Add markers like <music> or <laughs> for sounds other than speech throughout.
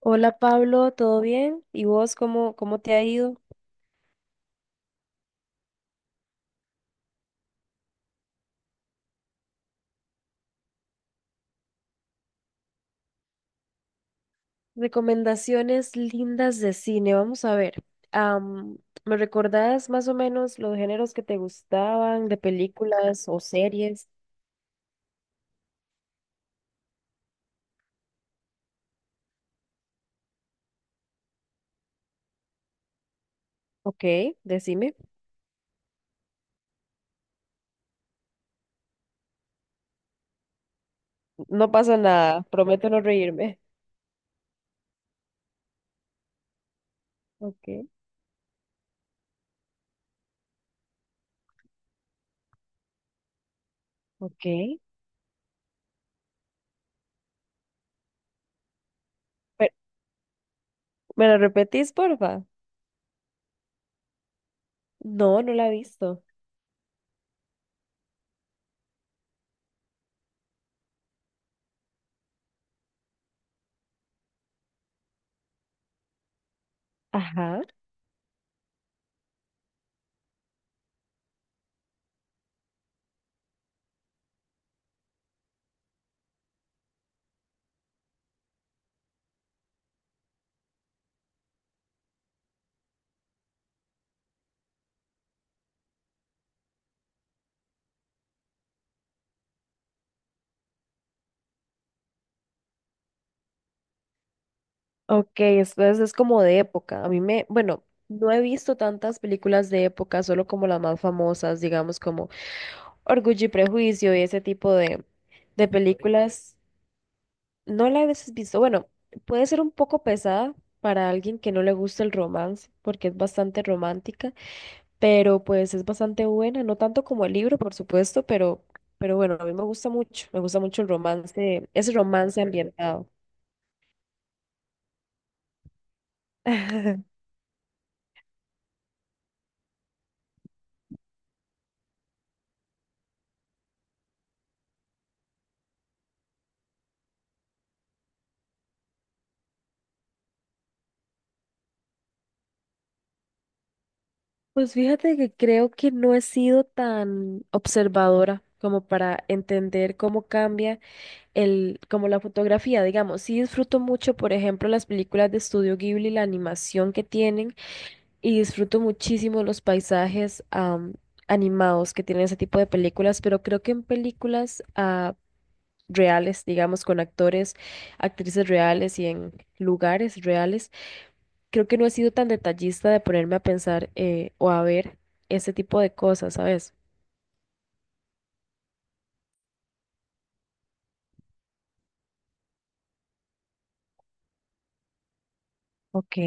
Hola Pablo, ¿todo bien? ¿Y vos cómo te ha ido? Recomendaciones lindas de cine, vamos a ver. am, ¿Me recordás más o menos los géneros que te gustaban de películas o series? Ok, decime. No pasa nada, prometo no reírme. Ok, ok. Pero, ¿me lo repetís, porfa? No la he visto. Ajá. Ok, entonces es como de época. A mí me, bueno, no he visto tantas películas de época, solo como las más famosas, digamos como Orgullo y Prejuicio y ese tipo de películas, no la has visto. Bueno, puede ser un poco pesada para alguien que no le gusta el romance, porque es bastante romántica, pero pues es bastante buena, no tanto como el libro, por supuesto, pero bueno, a mí me gusta mucho el romance, ese romance ambientado. <laughs> Pues fíjate que creo que no he sido tan observadora como para entender cómo cambia el, como la fotografía, digamos, sí disfruto mucho, por ejemplo, las películas de Estudio Ghibli, la animación que tienen, y disfruto muchísimo los paisajes, animados, que tienen ese tipo de películas. Pero creo que en películas reales, digamos, con actores, actrices reales y en lugares reales, creo que no he sido tan detallista de ponerme a pensar o a ver ese tipo de cosas, ¿sabes? Ok.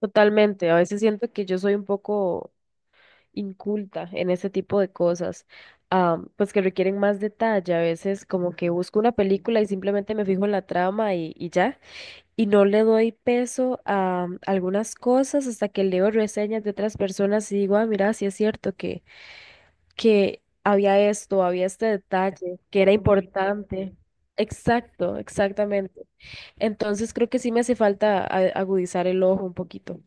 Totalmente, a veces siento que yo soy un poco inculta en ese tipo de cosas, pues que requieren más detalle. A veces como que busco una película y simplemente me fijo en la trama y ya, y no le doy peso a algunas cosas hasta que leo reseñas de otras personas y digo, ah, mira, sí es cierto que había esto, había este detalle, que era importante. Exacto, exactamente. Entonces creo que sí me hace falta agudizar el ojo un poquito.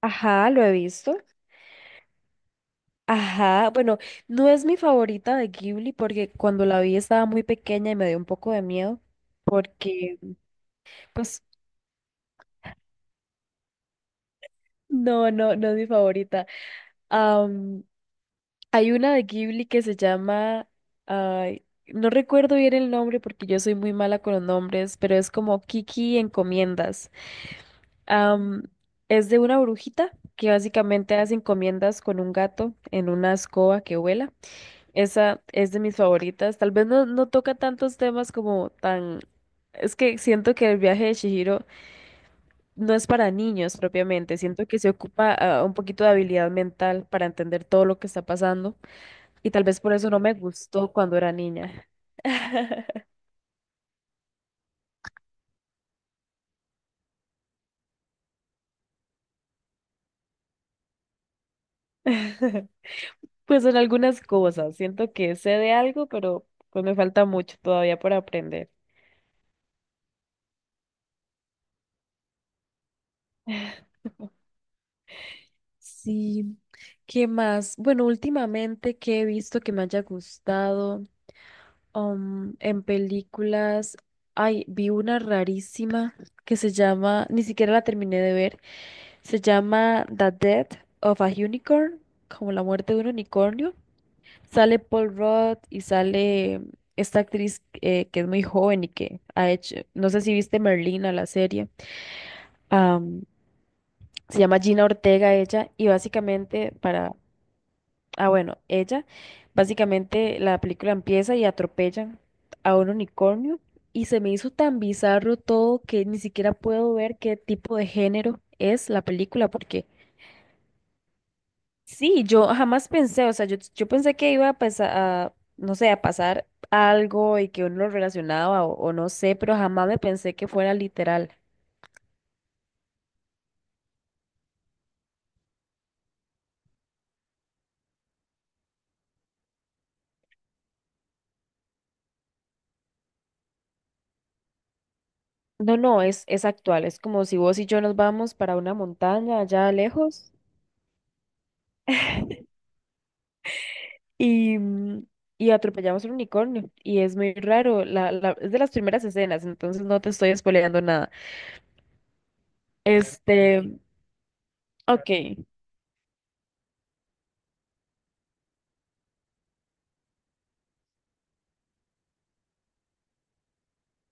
Ajá, lo he visto. Ajá, bueno, no es mi favorita de Ghibli porque cuando la vi estaba muy pequeña y me dio un poco de miedo porque, pues, no es mi favorita. Am, Hay una de Ghibli que se llama, ay, no recuerdo bien el nombre porque yo soy muy mala con los nombres, pero es como Kiki Encomiendas. Am, es de una brujita que básicamente hace encomiendas con un gato en una escoba que vuela. Esa es de mis favoritas. Tal vez no toca tantos temas como tan... Es que siento que el viaje de Chihiro no es para niños propiamente. Siento que se ocupa un poquito de habilidad mental para entender todo lo que está pasando. Y tal vez por eso no me gustó cuando era niña. <laughs> Pues en algunas cosas. Siento que sé de algo, pero pues me falta mucho todavía por aprender. Sí. ¿Qué más? Bueno, últimamente que he visto que me haya gustado. En películas, ay, vi una rarísima que se llama, ni siquiera la terminé de ver, se llama The Death of a Unicorn, como la muerte de un unicornio. Sale Paul Rudd y sale esta actriz que es muy joven y que ha hecho, no sé si viste Merlina, la serie. Am, Se llama Gina Ortega ella y básicamente, para. Ah, bueno, ella, básicamente la película empieza y atropellan a un unicornio y se me hizo tan bizarro todo que ni siquiera puedo ver qué tipo de género es la película porque sí, yo jamás pensé, o sea, yo pensé que iba a pasar, a, no sé, a pasar algo y que uno lo relacionaba o no sé, pero jamás me pensé que fuera literal. No, no, es actual, es como si vos y yo nos vamos para una montaña allá lejos. <laughs> Y, y atropellamos un unicornio. Y es muy raro. La- es de las primeras escenas, entonces no te estoy spoileando nada. Este, ok,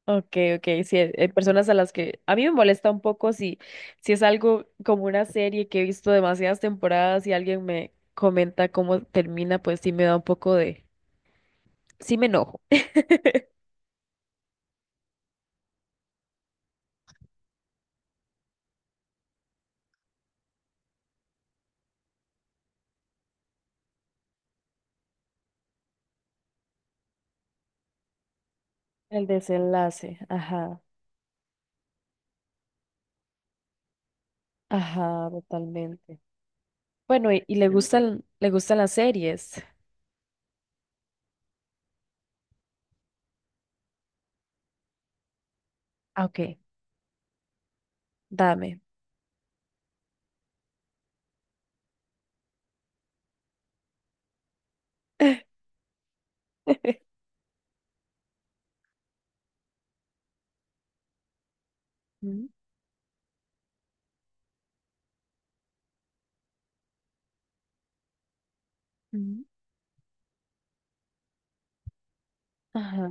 ok, ok. Sí, hay personas a las que a mí me molesta un poco si, si es algo como una serie que he visto demasiadas temporadas y alguien me comenta cómo termina, pues sí me da un poco de, sí me enojo. El desenlace, ajá, ajá, totalmente. Bueno, y le gustan las series. Ah, ok, dame. <laughs> Ujú, ujú. Ajá.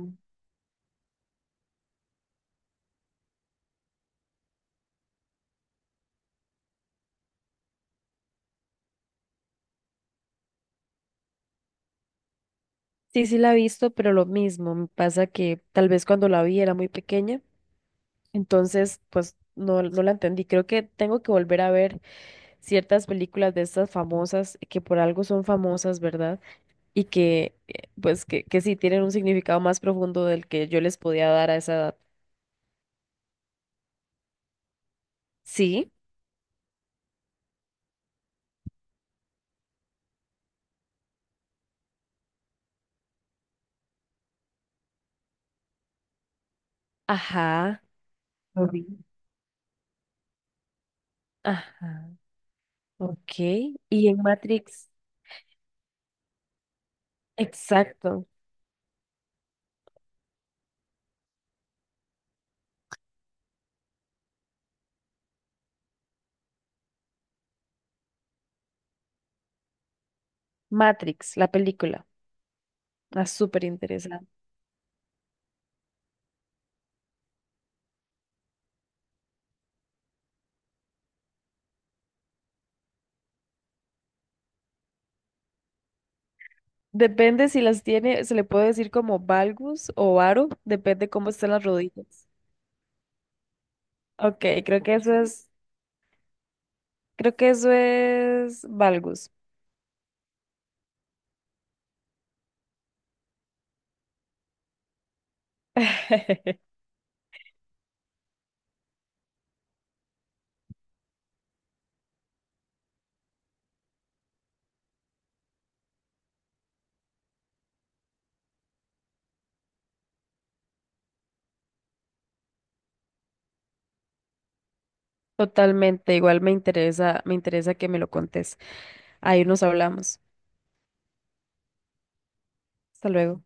Sí, sí la he visto, pero lo mismo, me pasa que tal vez cuando la vi era muy pequeña, entonces pues no, no la entendí. Creo que tengo que volver a ver ciertas películas de estas famosas que por algo son famosas, ¿verdad? Y que pues que sí tienen un significado más profundo del que yo les podía dar a esa edad. Sí, ajá, lo vi. Ajá, ok. Y en Matrix, exacto, Matrix, la película. Ah, súper interesante. Depende si las tiene, se le puede decir como valgus o varo, depende cómo están las rodillas. Ok, creo que eso es, creo que eso es valgus. <laughs> Totalmente, igual me interesa que me lo contes. Ahí nos hablamos. Hasta luego.